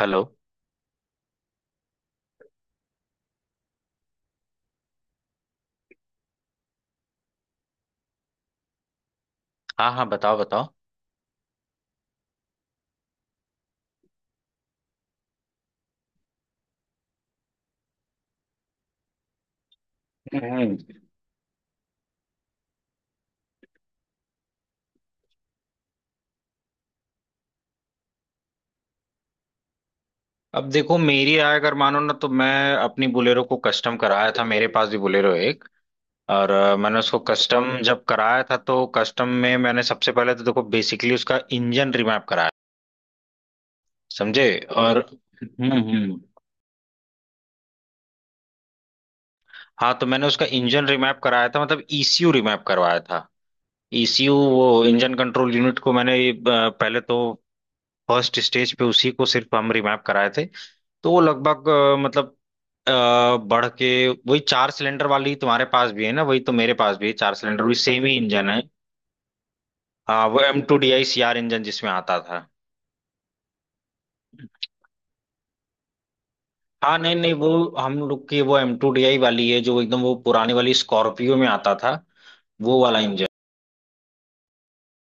Hello. हाँ हाँ, बताओ बताओ। हम्म। अब देखो, मेरी राय अगर मानो ना, तो मैं अपनी बोलेरो को कस्टम कराया था, मेरे पास भी बोलेरो एक। और मैंने उसको कस्टम जब कराया था तो कस्टम में मैंने सबसे पहले तो देखो बेसिकली उसका इंजन रिमैप कराया। समझे? और हम्म। हाँ, तो मैंने उसका इंजन रिमैप कराया था, मतलब ईसीयू रिमैप करवाया था। ईसीयू वो इंजन कंट्रोल यूनिट को मैंने पहले तो फर्स्ट स्टेज पे उसी को सिर्फ हम रिमैप कराए थे। तो वो लगभग मतलब अ, बढ़ के वही चार सिलेंडर वाली, तुम्हारे पास भी है ना वही, तो मेरे पास भी है चार सिलेंडर, भी सेम ही इंजन है। हाँ, वो M two D I C R engine जिसमें आता था। हाँ नहीं नहीं, वो हम लोग की वो एम टू डी आई वाली है, जो एकदम वो पुरानी वाली स्कॉर्पियो में आता था वो वाला इंजन।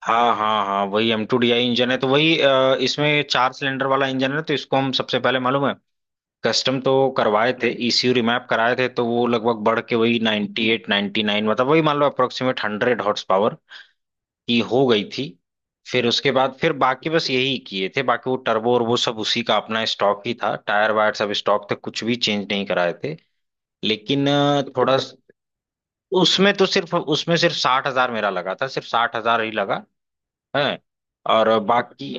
हाँ हाँ हाँ, वही M two D I engine है। तो वही इसमें चार सिलेंडर वाला इंजन है, तो इसको हम सबसे पहले मालूम है कस्टम तो करवाए थे, ईसीयू रिमैप कराए थे। तो वो लगभग बढ़ के वही 98 एट नाइन्टी नाइन, मतलब वही मान लो अप्रोक्सीमेट 100 हॉर्स पावर की हो गई थी। फिर उसके बाद फिर बाकी बस यही किए थे, बाकी वो टर्बो और वो सब उसी का अपना स्टॉक ही था, टायर वायर सब स्टॉक थे, कुछ भी चेंज नहीं कराए थे। लेकिन थोड़ा उसमें तो सिर्फ, उसमें सिर्फ 60,000 मेरा लगा था, सिर्फ 60,000 ही लगा है। और बाकी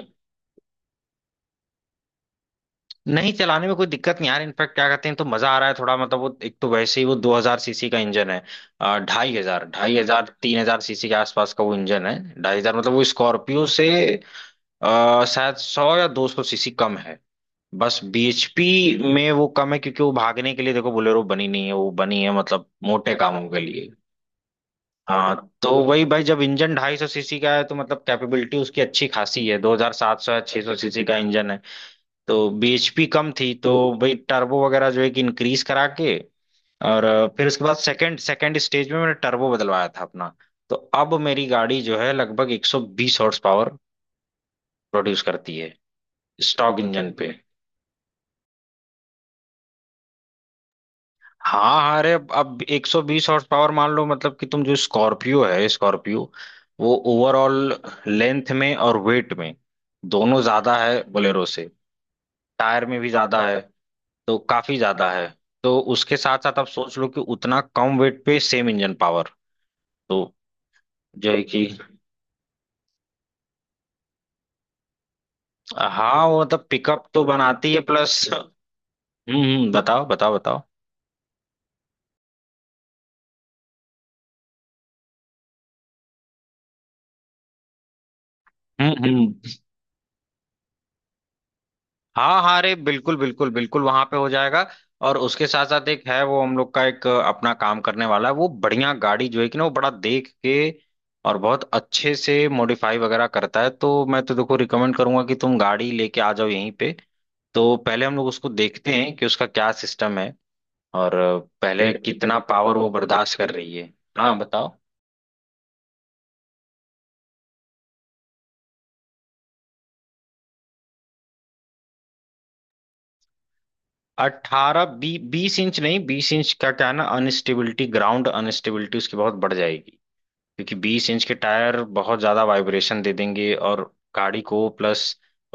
नहीं, चलाने में कोई दिक्कत नहीं यार, इनफैक्ट क्या कहते हैं तो मजा आ रहा है थोड़ा। मतलब वो एक तो वैसे ही वो 2000 cc का इंजन है, 2500, 3000 cc के आसपास का वो इंजन है। ढाई हजार मतलब वो स्कॉर्पियो से शायद 100 या 200 cc कम है। बस BHP में वो कम है, क्योंकि वो भागने के लिए देखो बोलेरो बनी नहीं है, वो बनी है मतलब मोटे कामों के लिए। हाँ, तो वही भाई जब इंजन 250 cc का है, तो मतलब कैपेबिलिटी उसकी अच्छी खासी है, 2700 या 600 cc का इंजन है। तो BHP कम थी तो भाई टर्बो वगैरह जो है कि इंक्रीज करा के। और फिर उसके बाद सेकंड सेकंड स्टेज में मैंने टर्बो बदलवाया था अपना। तो अब मेरी गाड़ी जो है लगभग 120 हॉर्स पावर प्रोड्यूस करती है स्टॉक इंजन पे। हाँ हाँ, अरे अब 120 हॉर्स पावर मान लो, मतलब कि तुम जो स्कॉर्पियो है, स्कॉर्पियो वो ओवरऑल लेंथ में और वेट में दोनों ज्यादा है बोलेरो से। टायर में भी ज्यादा है, तो काफी ज्यादा है। तो उसके साथ साथ आप सोच लो कि उतना कम वेट पे सेम इंजन पावर, तो जो है कि। हाँ वो मतलब पिकअप तो बनाती है प्लस। हम्म। बताओ बताओ बताओ। हम्म। हाँ हाँ, अरे बिल्कुल बिल्कुल बिल्कुल, वहां पे हो जाएगा। और उसके साथ साथ एक है वो हम लोग का एक अपना काम करने वाला है, वो बढ़िया गाड़ी जो है कि ना वो बड़ा देख के और बहुत अच्छे से मॉडिफाई वगैरह करता है। तो मैं तो देखो रिकमेंड करूंगा कि तुम गाड़ी लेके आ जाओ यहीं पे। तो पहले हम लोग उसको देखते हैं कि उसका क्या सिस्टम है, और पहले कितना पावर वो बर्दाश्त कर रही है। हाँ बताओ। 18 बी 20 इंच नहीं, 20 इंच का क्या है ना, अनस्टेबिलिटी, ग्राउंड अनस्टेबिलिटी उसकी बहुत बढ़ जाएगी, क्योंकि 20 इंच के टायर बहुत ज्यादा वाइब्रेशन दे देंगे। और गाड़ी को प्लस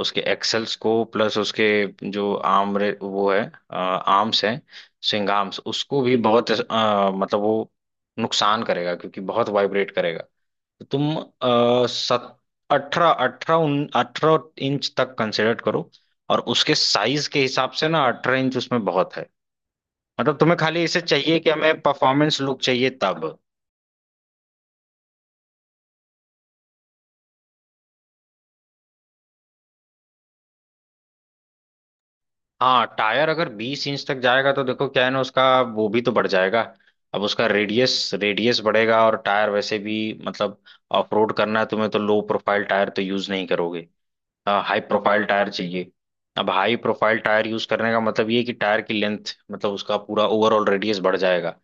उसके एक्सल्स को प्लस उसके जो वो है, आर्म्स है, स्विंग आर्म्स, उसको भी बहुत मतलब वो नुकसान करेगा, क्योंकि बहुत वाइब्रेट करेगा। तो तुम सत अठारह अठारह उन 18 इंच तक कंसिडर करो। और उसके साइज के हिसाब से ना 18 इंच उसमें बहुत है। मतलब तुम्हें खाली इसे चाहिए कि हमें परफॉर्मेंस लुक चाहिए तब। हाँ, टायर अगर 20 इंच तक जाएगा तो देखो क्या है ना उसका वो भी तो बढ़ जाएगा। अब उसका रेडियस रेडियस बढ़ेगा, और टायर वैसे भी मतलब ऑफ रोड करना है तुम्हें, तो लो प्रोफाइल टायर तो यूज नहीं करोगे, हाँ, हाई प्रोफाइल टायर चाहिए। अब हाई प्रोफाइल टायर यूज करने का मतलब ये है कि टायर की लेंथ, मतलब उसका पूरा ओवरऑल रेडियस बढ़ जाएगा।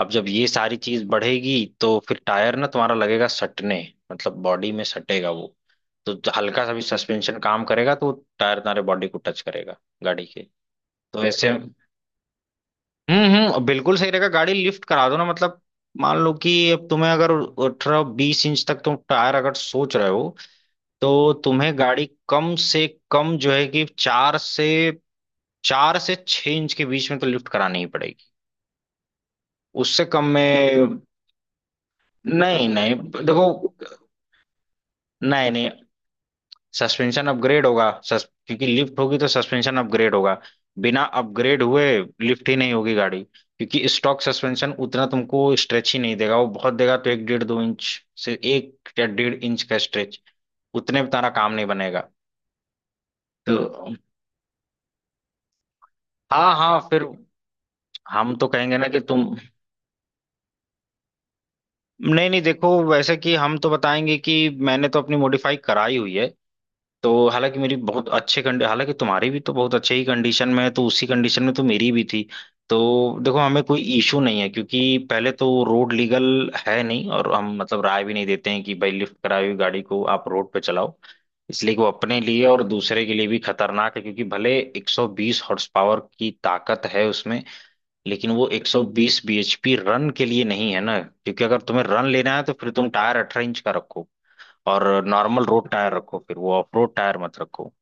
अब जब ये सारी चीज बढ़ेगी तो फिर टायर ना तुम्हारा लगेगा सटने, मतलब बॉडी में सटेगा वो। तो हल्का सा भी सस्पेंशन काम करेगा तो टायर तुम्हारे बॉडी को टच करेगा गाड़ी। तो ऐसे हम्म, बिल्कुल सही रहेगा, गाड़ी लिफ्ट करा दो ना। मतलब मान लो कि अब तुम्हें अगर 18 - 20 इंच तक तुम टायर अगर सोच रहे हो, तो तुम्हें गाड़ी कम से कम जो है कि चार से, 4 से 6 इंच के बीच में तो लिफ्ट करानी ही पड़ेगी, उससे कम में नहीं। नहीं देखो, नहीं नहीं, सस्पेंशन अपग्रेड होगा, क्योंकि लिफ्ट होगी तो सस्पेंशन अपग्रेड होगा। बिना अपग्रेड हुए लिफ्ट ही नहीं होगी गाड़ी, क्योंकि स्टॉक सस्पेंशन उतना तुमको स्ट्रेच ही नहीं देगा, वो बहुत देगा तो 1 डेढ़ 2 इंच, से 1 या डेढ़ इंच का स्ट्रेच। उतने में तारा काम नहीं बनेगा। तो हाँ हाँ, फिर हम तो कहेंगे ना कि तुम नहीं नहीं देखो, वैसे कि हम तो बताएंगे कि मैंने तो अपनी मॉडिफाई कराई हुई है। तो हालांकि मेरी बहुत अच्छे कंडी, हालांकि तुम्हारी भी तो बहुत अच्छे ही कंडीशन में है, तो उसी कंडीशन में तो मेरी भी थी। तो देखो हमें कोई इशू नहीं है, क्योंकि पहले तो रोड लीगल है नहीं। और हम मतलब राय भी नहीं देते हैं कि भाई लिफ्ट कराई हुई गाड़ी को आप रोड पे चलाओ, इसलिए कि वो अपने लिए और दूसरे के लिए भी खतरनाक है। क्योंकि भले 120 हॉर्स पावर की ताकत है उसमें, लेकिन वो 120 BHP रन के लिए नहीं है ना। क्योंकि अगर तुम्हें रन लेना है, तो फिर तुम टायर 18 इंच का रखो और नॉर्मल रोड टायर रखो, फिर वो ऑफ रोड टायर मत रखो।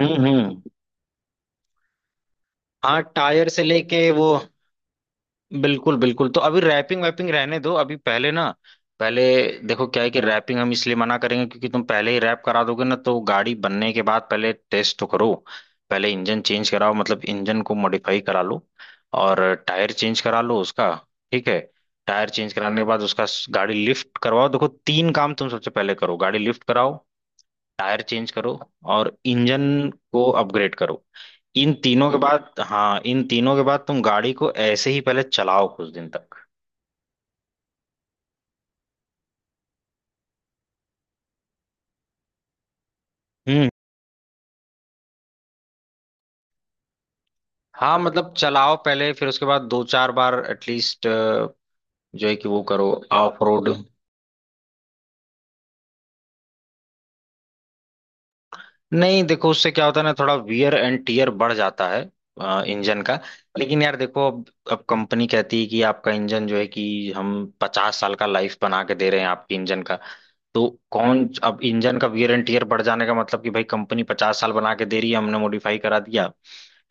हम्म। हाँ टायर से लेके वो बिल्कुल बिल्कुल। तो अभी रैपिंग वैपिंग रहने दो अभी, पहले ना पहले देखो क्या है कि रैपिंग हम इसलिए मना करेंगे, क्योंकि तुम पहले ही रैप करा दोगे ना, तो गाड़ी बनने के बाद पहले टेस्ट तो करो। पहले इंजन चेंज कराओ, मतलब इंजन को मॉडिफाई करा लो और टायर चेंज करा लो उसका, ठीक है? टायर चेंज कराने के बाद उसका गाड़ी लिफ्ट करवाओ। देखो तीन काम तुम सबसे पहले करो: गाड़ी लिफ्ट कराओ, टायर चेंज करो और इंजन को अपग्रेड करो। इन तीनों के बाद, हाँ इन तीनों के बाद तुम गाड़ी को ऐसे ही पहले चलाओ कुछ दिन तक। हम्म। हाँ मतलब चलाओ पहले, फिर उसके बाद दो चार बार एटलीस्ट जो है कि वो करो, ऑफ रोड। नहीं देखो, उससे क्या होता है ना, थोड़ा वियर एंड टीयर बढ़ जाता है इंजन का। लेकिन यार देखो, अब कंपनी कहती है कि आपका इंजन जो है कि हम 50 साल का लाइफ बना के दे रहे हैं आपके इंजन का। तो कौन, अब इंजन का वियर एंड टीयर बढ़ जाने का मतलब कि भाई कंपनी 50 साल बना के दे रही है, हमने मॉडिफाई करा दिया,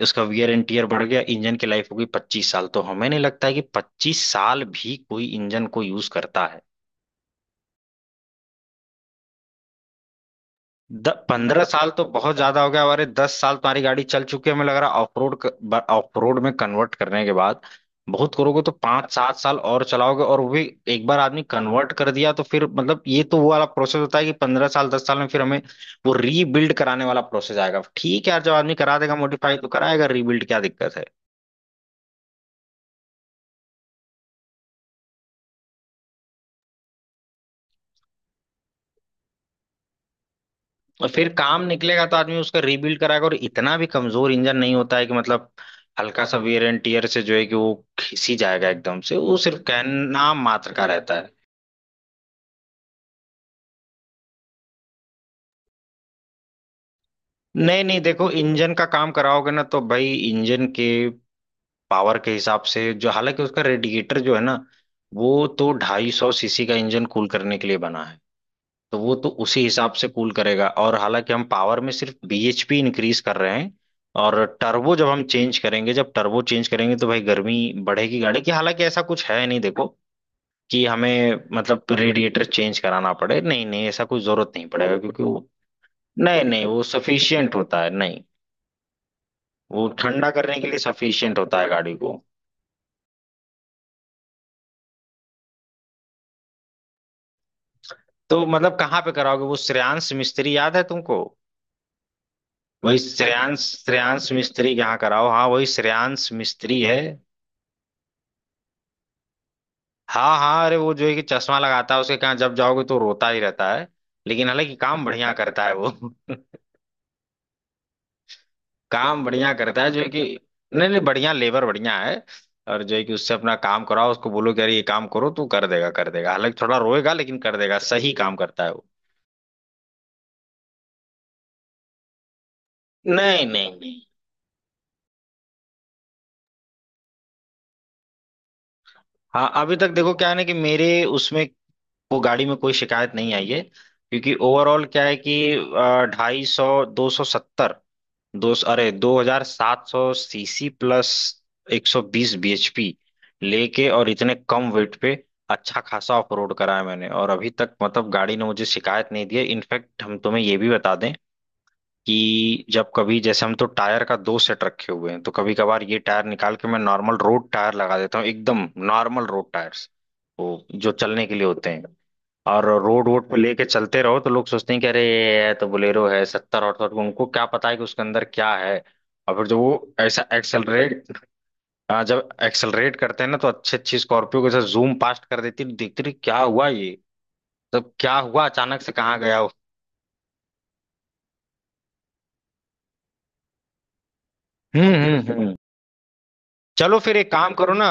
उसका वियर एंड टीयर बढ़ गया, इंजन की लाइफ हो गई 25 साल। तो हमें नहीं लगता है कि 25 साल भी कोई इंजन को यूज करता। 15 साल तो बहुत ज्यादा हो गया, हमारे 10 साल तुम्हारी गाड़ी चल चुकी है, हमें लग रहा ऑफ रोड, ऑफ रोड में कन्वर्ट करने के बाद बहुत करोगे तो 5 - 7 साल और चलाओगे। और वो भी एक बार आदमी कन्वर्ट कर दिया तो फिर मतलब ये तो वो वाला प्रोसेस होता है कि 15 साल 10 साल में फिर हमें वो रीबिल्ड कराने वाला प्रोसेस आएगा। ठीक है यार, जब आदमी करा देगा मॉडिफाई तो कराएगा रीबिल्ड, क्या दिक्कत है। और फिर काम निकलेगा तो आदमी उसका रीबिल्ड कराएगा। और इतना भी कमजोर इंजन नहीं होता है कि मतलब हल्का सा वेयर एंड टियर से जो है कि वो खिसी जाएगा एकदम से, वो सिर्फ कहना मात्र का रहता है। नहीं नहीं देखो, इंजन का काम कराओगे ना तो भाई इंजन के पावर के हिसाब से जो, हालांकि उसका रेडिएटर जो है ना वो तो 250 cc का इंजन कूल करने के लिए बना है। तो वो तो उसी हिसाब से कूल करेगा, और हालांकि हम पावर में सिर्फ BHP इंक्रीज कर रहे हैं। और टर्बो जब हम चेंज करेंगे, जब टर्बो चेंज करेंगे तो भाई गर्मी बढ़ेगी गाड़ी की, हालांकि ऐसा कुछ है नहीं देखो कि हमें मतलब रेडिएटर चेंज कराना पड़े। नहीं नहीं, ऐसा कोई जरूरत नहीं पड़ेगा, क्योंकि वो नहीं नहीं, वो सफिशियंट होता है नहीं, वो ठंडा करने के लिए सफिशियंट होता है गाड़ी को। तो मतलब कहाँ पे कराओगे? वो श्रेयांश मिस्त्री, याद है तुमको? वही श्रेयांश, श्रेयांश मिस्त्री के यहाँ कराओ, हाँ वही श्रेयांश मिस्त्री है। हाँ हाँ, अरे वो जो है कि चश्मा लगाता है, उसके कहाँ जब जाओगे तो रोता ही रहता है, लेकिन हालांकि काम बढ़िया करता है वो। काम बढ़िया करता है जो है कि, नहीं नहीं बढ़िया, लेबर बढ़िया है। और जो है कि उससे अपना काम कराओ, उसको बोलो कि अरे ये काम करो तो कर देगा, कर देगा, हालांकि थोड़ा रोएगा लेकिन कर देगा, सही काम करता है वो। नहीं नहीं नहीं। हाँ अभी तक देखो क्या है ना कि मेरे उसमें वो गाड़ी में कोई शिकायत नहीं आई है, क्योंकि ओवरऑल क्या है कि 250, 270, दो अरे 2700 cc प्लस 120 BHP लेके और इतने कम वेट पे अच्छा खासा ऑफ रोड करा है मैंने। और अभी तक मतलब गाड़ी ने मुझे शिकायत नहीं दी है। इनफैक्ट हम तुम्हें ये भी बता दें कि जब कभी, जैसे हम तो टायर का दो सेट रखे हुए हैं, तो कभी कभार ये टायर निकाल के मैं नॉर्मल रोड टायर लगा देता हूँ, एकदम नॉर्मल रोड टायर्स, वो जो चलने के लिए होते हैं, और रोड वोड पे लेके चलते रहो तो लोग सोचते हैं कि अरे ये तो बोलेरो है 70 - 78 को, उनको क्या पता है कि उसके अंदर क्या है। और फिर जब वो ऐसा एक्सेलरेट, जब एक्सेलरेट करते हैं ना तो अच्छे अच्छी स्कॉर्पियो के साथ जूम पास्ट कर देती है, तो देखते रहे क्या हुआ ये सब, क्या हुआ अचानक से कहाँ गया वो। हम्म। चलो फिर एक काम करो ना।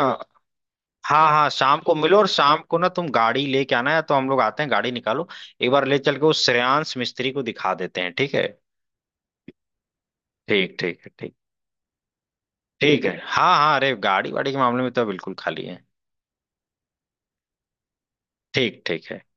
हाँ हाँ, शाम को मिलो और शाम को ना तुम गाड़ी लेके आना है, तो हम लोग आते हैं, गाड़ी निकालो, एक बार ले चल के उस श्रेयांश मिस्त्री को दिखा देते हैं, ठीक है? ठीक ठीक है ठीक। ठीक है हाँ हाँ, अरे गाड़ी वाड़ी के मामले में तो बिल्कुल खाली है। ठीक ठीक है।